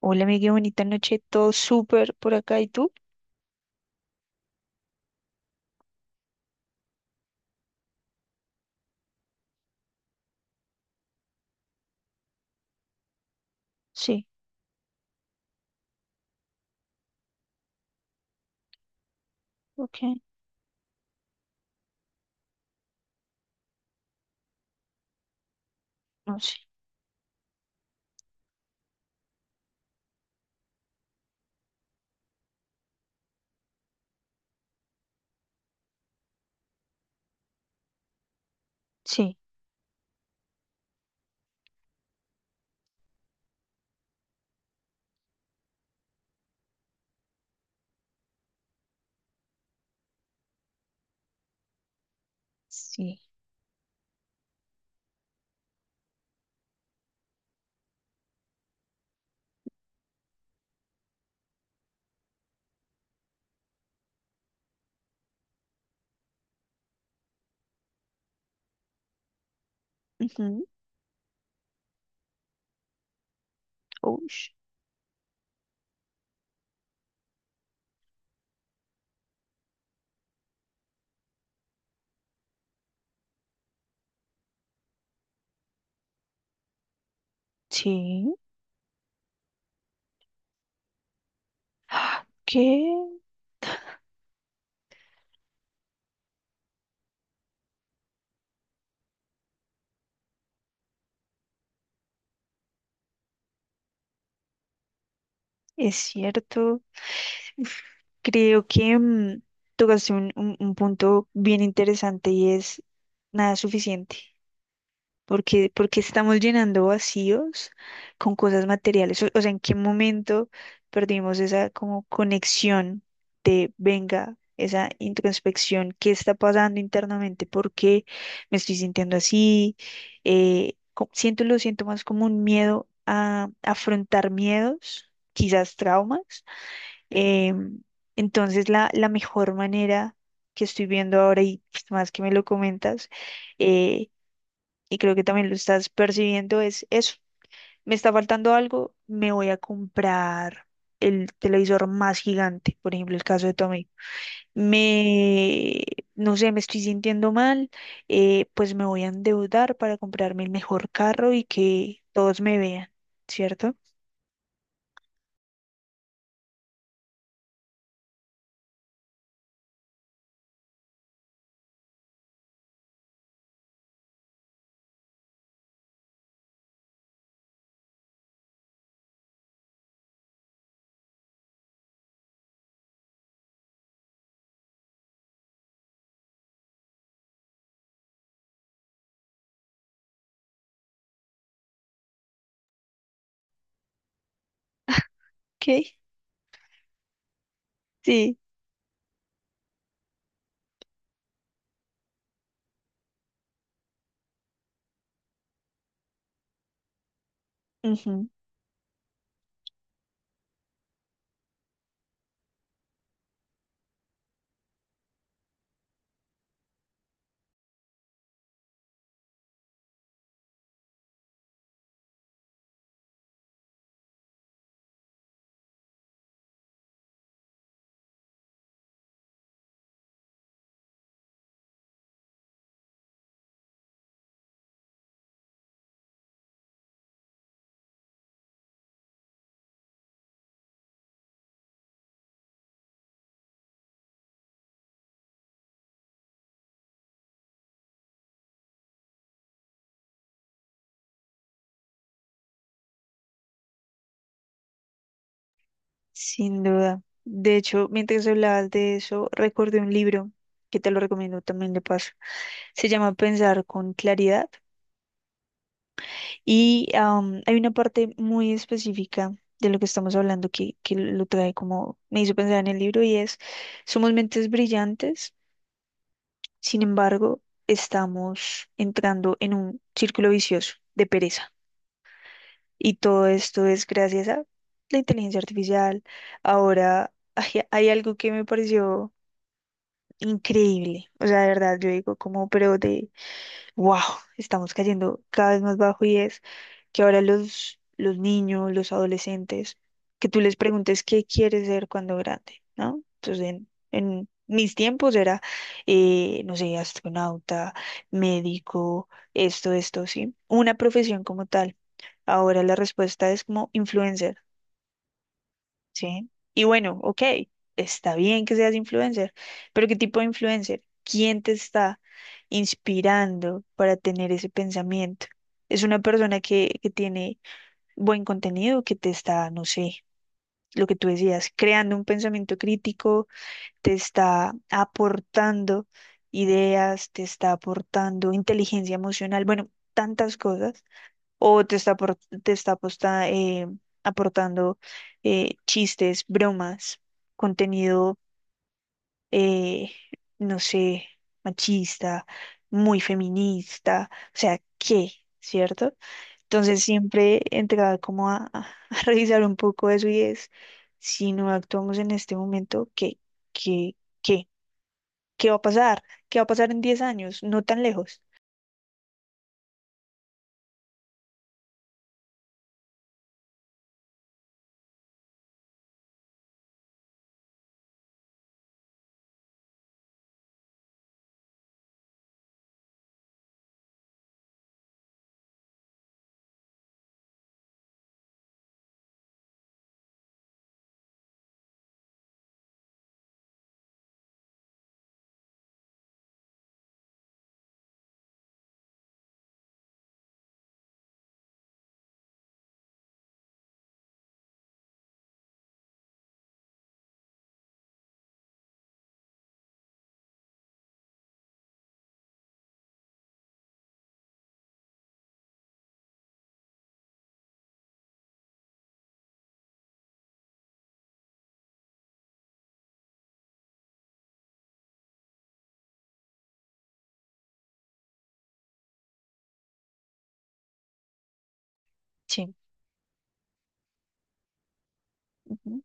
Hola, amiga, qué bonita noche. Todo súper por acá. ¿Y tú? Sí, ok. No sé. Sí, sí. Ujú, ush, sí. Ah, ¿qué? Es cierto. Uf, creo que tocaste un punto bien interesante y es nada suficiente. Porque estamos llenando vacíos con cosas materiales. O sea, ¿en qué momento perdimos esa como conexión de, venga, esa introspección, qué está pasando internamente? ¿Por qué me estoy sintiendo así? Lo siento más como un miedo a afrontar miedos, quizás traumas. Em, entonces, la mejor manera que estoy viendo ahora y pues, más que me lo comentas, eh, y creo que también lo estás percibiendo, es eso. Me está faltando algo, me voy a comprar el televisor más gigante, por ejemplo, el caso de Tommy. Me, no sé, me estoy sintiendo mal, pues me voy a endeudar para comprarme el mejor carro y que todos me vean, ¿cierto? Ok, sí. Ujú, sin duda. De hecho, mientras hablabas de eso, recordé un libro que te lo recomiendo también de paso. Se llama Pensar con claridad. Y hay una parte muy específica de lo que estamos hablando que, lo trae como, me hizo pensar en el libro y es, somos mentes brillantes, sin embargo, estamos entrando en un círculo vicioso de pereza. Y todo esto es gracias a la inteligencia artificial. Ahora, hay, algo que me pareció increíble. O sea, de verdad, yo digo como, wow, estamos cayendo cada vez más bajo y es que ahora los niños, los adolescentes, que tú les preguntes qué quieres ser cuando grande, ¿no? Entonces, en mis tiempos era, no sé, astronauta, médico, esto, sí, una profesión como tal. Ahora la respuesta es como influencer. ¿Sí? Y bueno, ok, está bien que seas influencer, pero ¿qué tipo de influencer? ¿Quién te está inspirando para tener ese pensamiento? ¿Es una persona que, tiene buen contenido, que te está, no sé, lo que tú decías, creando un pensamiento crítico, te está aportando ideas, te está aportando inteligencia emocional, bueno, tantas cosas? O te está aportando chistes, bromas, contenido, eh, no sé, machista, muy feminista, o sea, ¿qué? ¿Cierto? Entonces siempre entraba como a, a revisar un poco eso y es, si no actuamos en este momento, ¿qué? ¿Qué? ¿Qué? ¿Qué va a pasar? ¿Qué va a pasar en 10 años? No tan lejos. Sí. Ujú.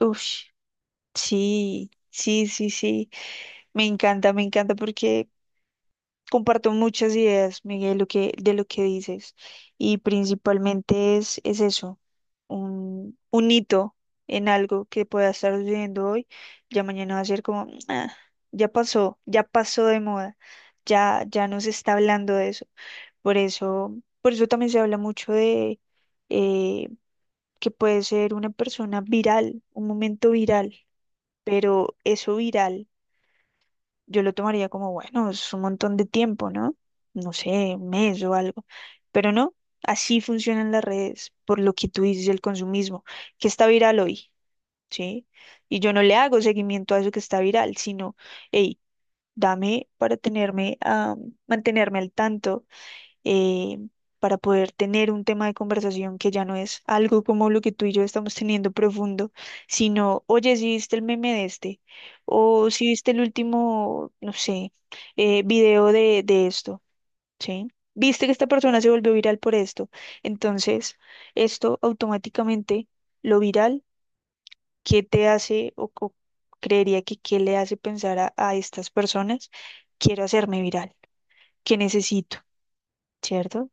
Ush, sí, sí, sí, sí. Me encanta porque comparto muchas ideas, Miguel, de lo que, dices. Y principalmente es eso, un hito en algo que pueda estar sucediendo hoy. Ya mañana va a ser como, "Ah, ya pasó de moda, ya, ya no se está hablando de eso." Por eso también se habla mucho de eh, que puede ser una persona viral, un momento viral, pero eso viral. Yo lo tomaría como, bueno, es un montón de tiempo, ¿no? No sé, un mes o algo. Pero no, así funcionan las redes, por lo que tú dices, el consumismo, que está viral hoy, ¿sí? Y yo no le hago seguimiento a eso que está viral, sino, hey, dame para tenerme, a mantenerme al tanto eh, para poder tener un tema de conversación que ya no es algo como lo que tú y yo estamos teniendo profundo, sino, oye, si viste el meme de este, o si viste el último, no sé, video de esto, ¿sí? Viste que esta persona se volvió viral por esto. Entonces, esto automáticamente, lo viral, ¿qué te hace o creería que qué le hace pensar a, estas personas? Quiero hacerme viral, ¿qué necesito? ¿Cierto?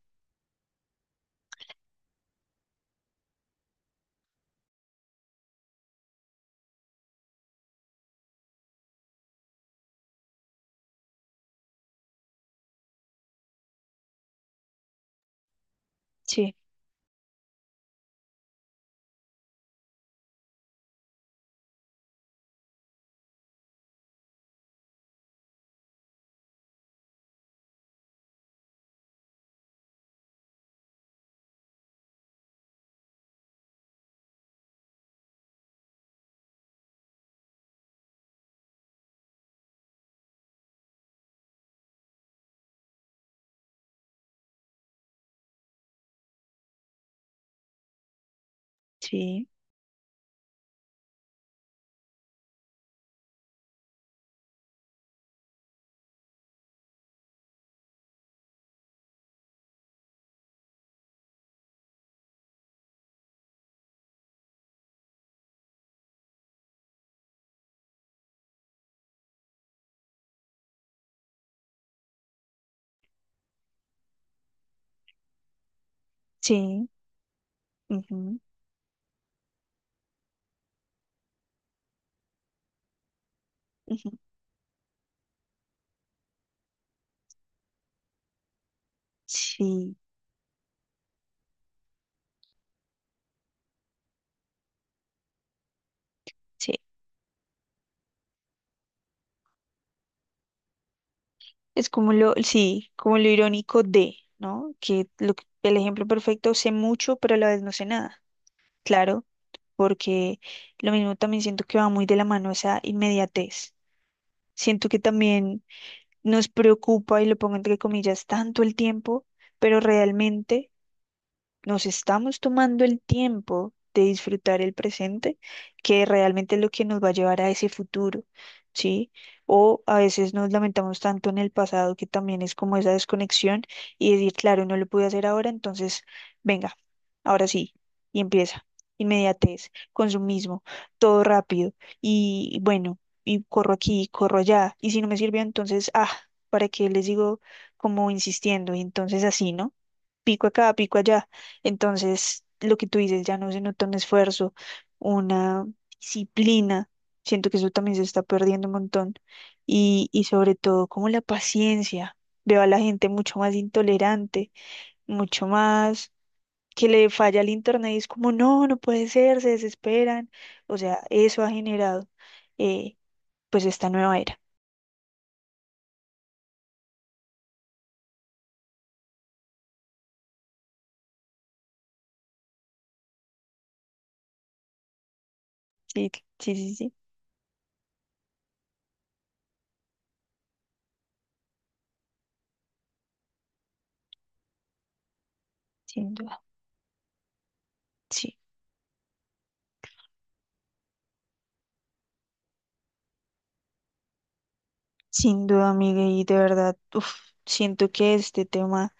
Sí, sí. Sí, ujú, ujú, sí, sí. Es como lo, sí, como lo irónico de, ¿no? Que el ejemplo perfecto, sé mucho, pero a la vez no sé nada. Claro, porque lo mismo también siento que va muy de la mano esa inmediatez. Siento que también nos preocupa, y lo pongo entre comillas, tanto el tiempo, pero realmente nos estamos tomando el tiempo de disfrutar el presente, que realmente es lo que nos va a llevar a ese futuro, ¿sí? O a veces nos lamentamos tanto en el pasado que también es como esa desconexión y decir, claro, no lo pude hacer ahora, entonces, venga, ahora sí, y empieza. Inmediatez, consumismo, todo rápido y bueno, y corro aquí, y corro allá, y si no me sirvió, entonces, ah, ¿para qué les digo como insistiendo? Y entonces así, ¿no? Pico acá, pico allá. Entonces, lo que tú dices, ya no se nota un esfuerzo, una disciplina. Siento que eso también se está perdiendo un montón. Y sobre todo, como la paciencia. Veo a la gente mucho más intolerante, mucho más que le falla el internet y es como, no, no puede ser, se desesperan. O sea, eso ha generado eh, pues esta nueva era. Sí, sí, sí, sí, sí, sin duda. Sí. Sin duda, Miguel, y de verdad, uf, siento que este tema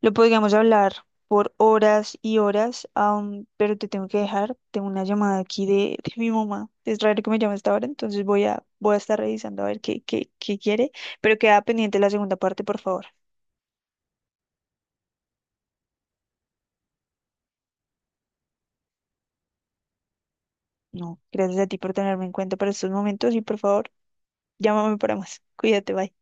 lo podríamos hablar por horas y horas, pero te tengo que dejar. Tengo una llamada aquí de mi mamá. Es raro que me llame a esta hora, entonces voy a estar revisando a ver qué quiere, pero queda pendiente la segunda parte, por favor. No, gracias a ti por tenerme en cuenta para estos momentos y por favor, llámame para más. Cuídate, bye.